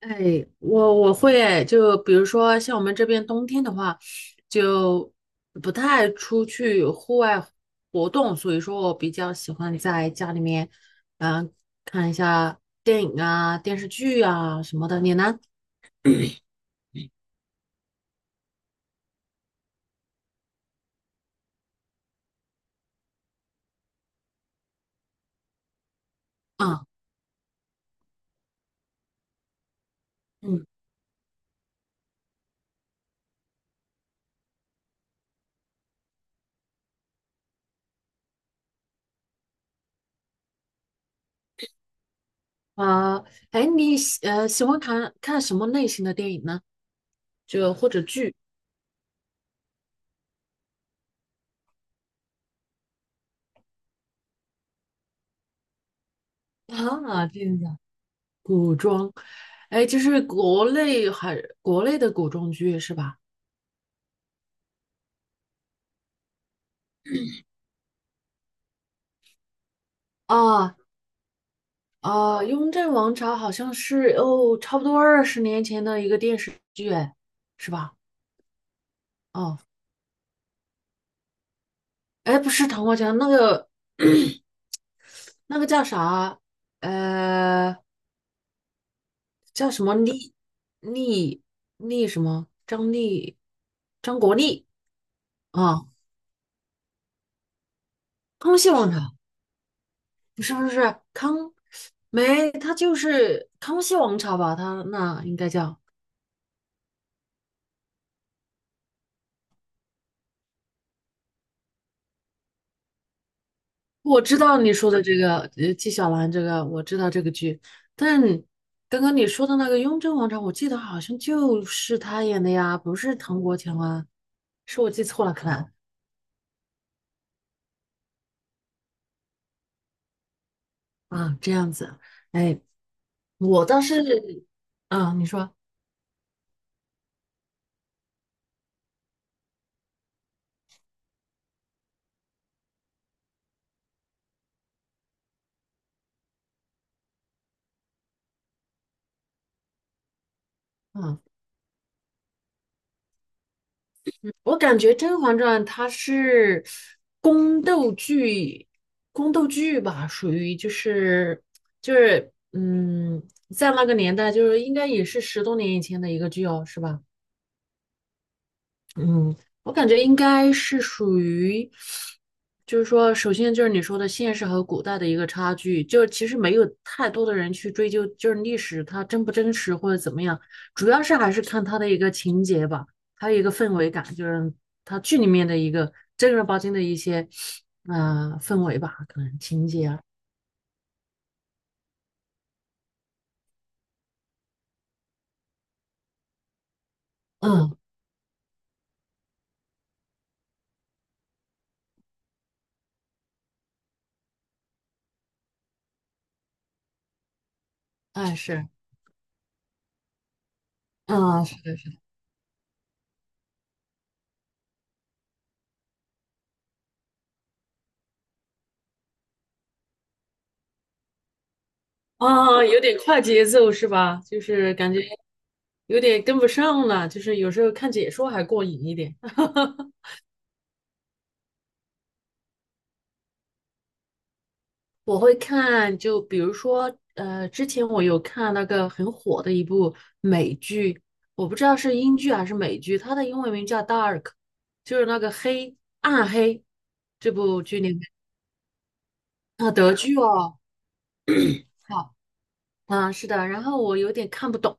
哎，我会哎，就比如说像我们这边冬天的话，就不太出去户外活动，所以说我比较喜欢在家里面，嗯、看一下电影啊、电视剧啊什么的。你呢？啊，嗯，啊，哎，你喜欢看看什么类型的电影呢？就或者剧啊，这样子。哎，国内的古装剧是吧？啊，啊，雍正王朝》好像是哦，差不多20年前的一个电视剧，哎，是吧？哦，哎，不是《唐国强》，那个 那个叫啥？呃，叫什么厉厉什么？张力，张国立啊，康熙王朝》不是不是康，没，他就是《康熙王朝》吧？他那应该叫。我知道你说的这个，纪晓岚这个我知道这个剧，但刚刚你说的那个《雍正王朝》，我记得好像就是他演的呀，不是唐国强啊，是我记错了，可能啊，这样子，哎，我倒是，啊，你说，嗯，我感觉《甄嬛传》它是宫斗剧，宫斗剧吧，属于就是，嗯，在那个年代，就是应该也是10多年以前的一个剧哦，是吧？嗯，我感觉应该是属于，就是说，首先就是你说的现实和古代的一个差距，就是其实没有太多的人去追究，就是历史它真不真实或者怎么样，主要是还是看它的一个情节吧，还有一个氛围感，就是它剧里面的一个正儿八经的一些，嗯，氛围吧，可能情节啊，嗯，哎是，嗯是。啊，有点快节奏是吧？就是感觉有点跟不上了，就是有时候看解说还过瘾一点。我会看，就比如说，之前我有看那个很火的一部美剧，我不知道是英剧还是美剧，它的英文名叫《Dark》,就是那个黑这部剧里面啊，德剧哦，好啊，是的，然后我有点看不懂。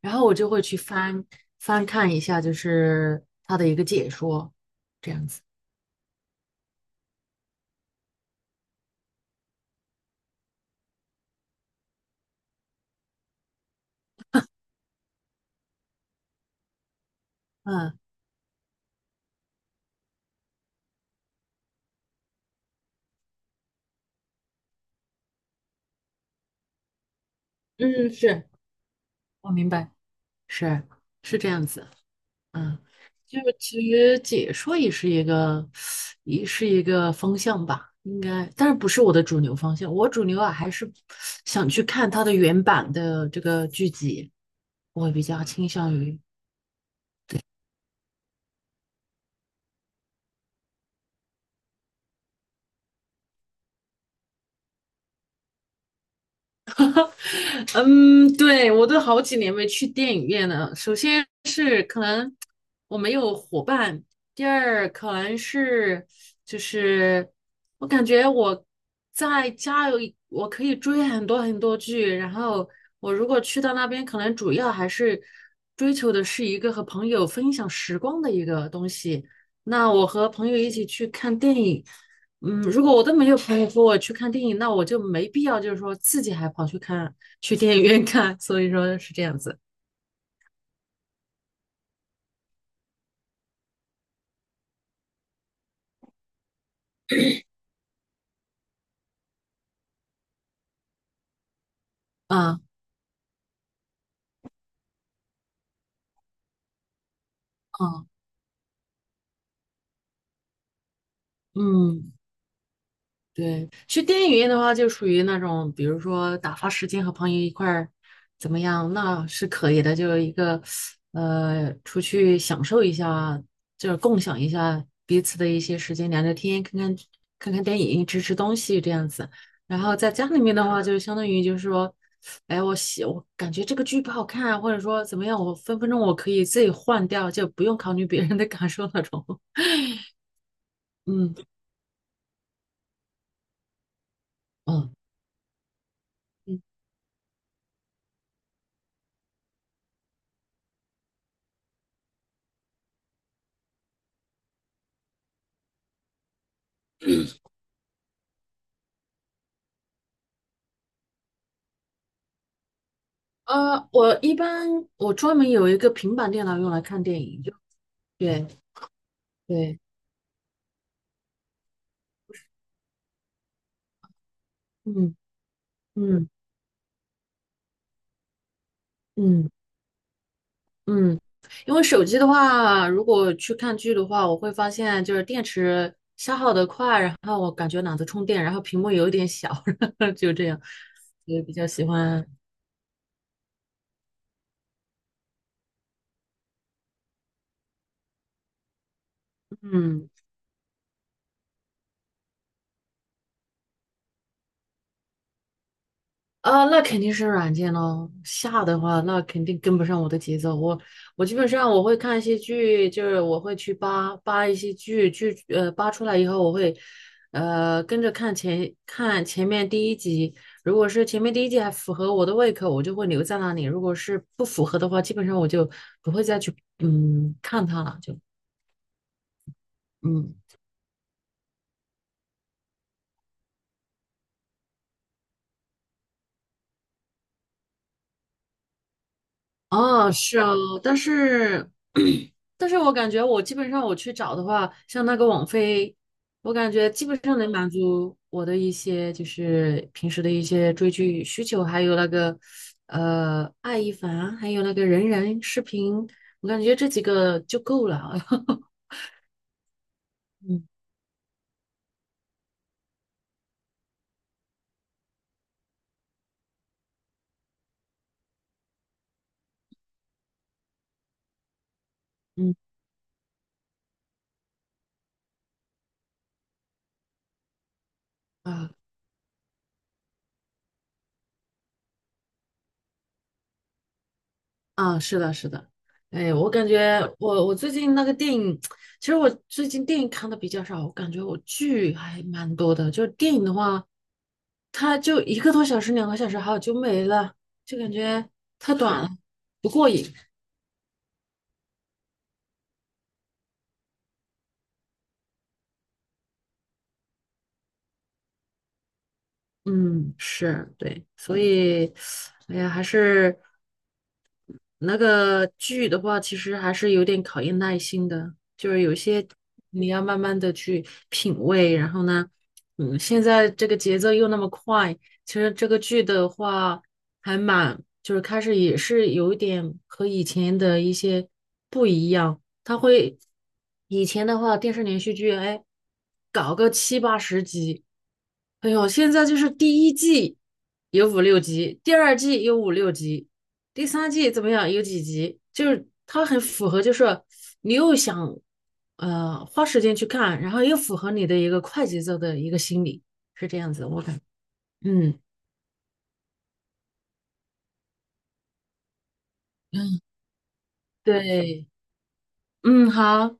然后我就会去翻看一下，就是他的一个解说，这样子。嗯嗯，是我明白，是是这样子。嗯，就是其实解说也是一个方向吧，应该，但是不是我的主流方向。我主流啊，还是想去看他的原版的这个剧集，我比较倾向于嗯，对，我都好几年没去电影院了。首先是可能我没有伙伴，第二可能是就是我感觉我在家有一我可以追很多很多剧，然后我如果去到那边，可能主要还是追求的是一个和朋友分享时光的一个东西。那我和朋友一起去看电影。嗯，如果我都没有朋友和我去看电影，那我就没必要，就是说自己还跑去看，去电影院看。所以说是这样子。嗯嗯嗯，对，去电影院的话，就属于那种，比如说打发时间和朋友一块儿怎么样，那是可以的。就一个出去享受一下，就是共享一下彼此的一些时间，聊聊天，看看电影，吃吃东西这样子。然后在家里面的话，就相当于就是说，哎，我感觉这个剧不好看啊，或者说怎么样，我分分钟我可以自己换掉，就不用考虑别人的感受那种。嗯嗯。我一般我专门有一个平板电脑用来看电影，就对对，嗯嗯嗯嗯，因为手机的话，如果去看剧的话，我会发现就是电池消耗的快，然后我感觉懒得充电，然后屏幕有一点小，就这样，所以比较喜欢嗯啊，那肯定是软件咯。下的话，那肯定跟不上我的节奏。我我基本上我会看一些剧，就是我会去扒一些剧，扒出来以后，我会跟着看前面第一集。如果是前面第一集还符合我的胃口，我就会留在那里；如果是不符合的话，基本上我就不会再去嗯看它了。就嗯哦，是哦，但是但是我感觉我基本上我去找的话，像那个网飞，我感觉基本上能满足我的一些就是平时的一些追剧需求，还有那个爱一凡，还有那个人人视频，我感觉这几个就够了。嗯嗯，啊，啊，是的，是的，哎，我感觉我最近那个电影，其实我最近电影看的比较少，我感觉我剧还蛮多的。就是电影的话，它就一个多小时、2个小时，好就没了，就感觉太短了 不过瘾。嗯，是对，所以，哎呀，还是。那个剧的话，其实还是有点考验耐心的，就是有些你要慢慢的去品味。然后呢，嗯，现在这个节奏又那么快，其实这个剧的话还蛮，就是开始也是有一点和以前的一些不一样。它会以前的话，电视连续剧，哎，搞个七八十集，哎呦，现在就是第1季有五六集，第2季有五六集。第3季怎么样？有几集？就是它很符合，就是你又想花时间去看，然后又符合你的一个快节奏的一个心理。嗯嗯，对，嗯，好。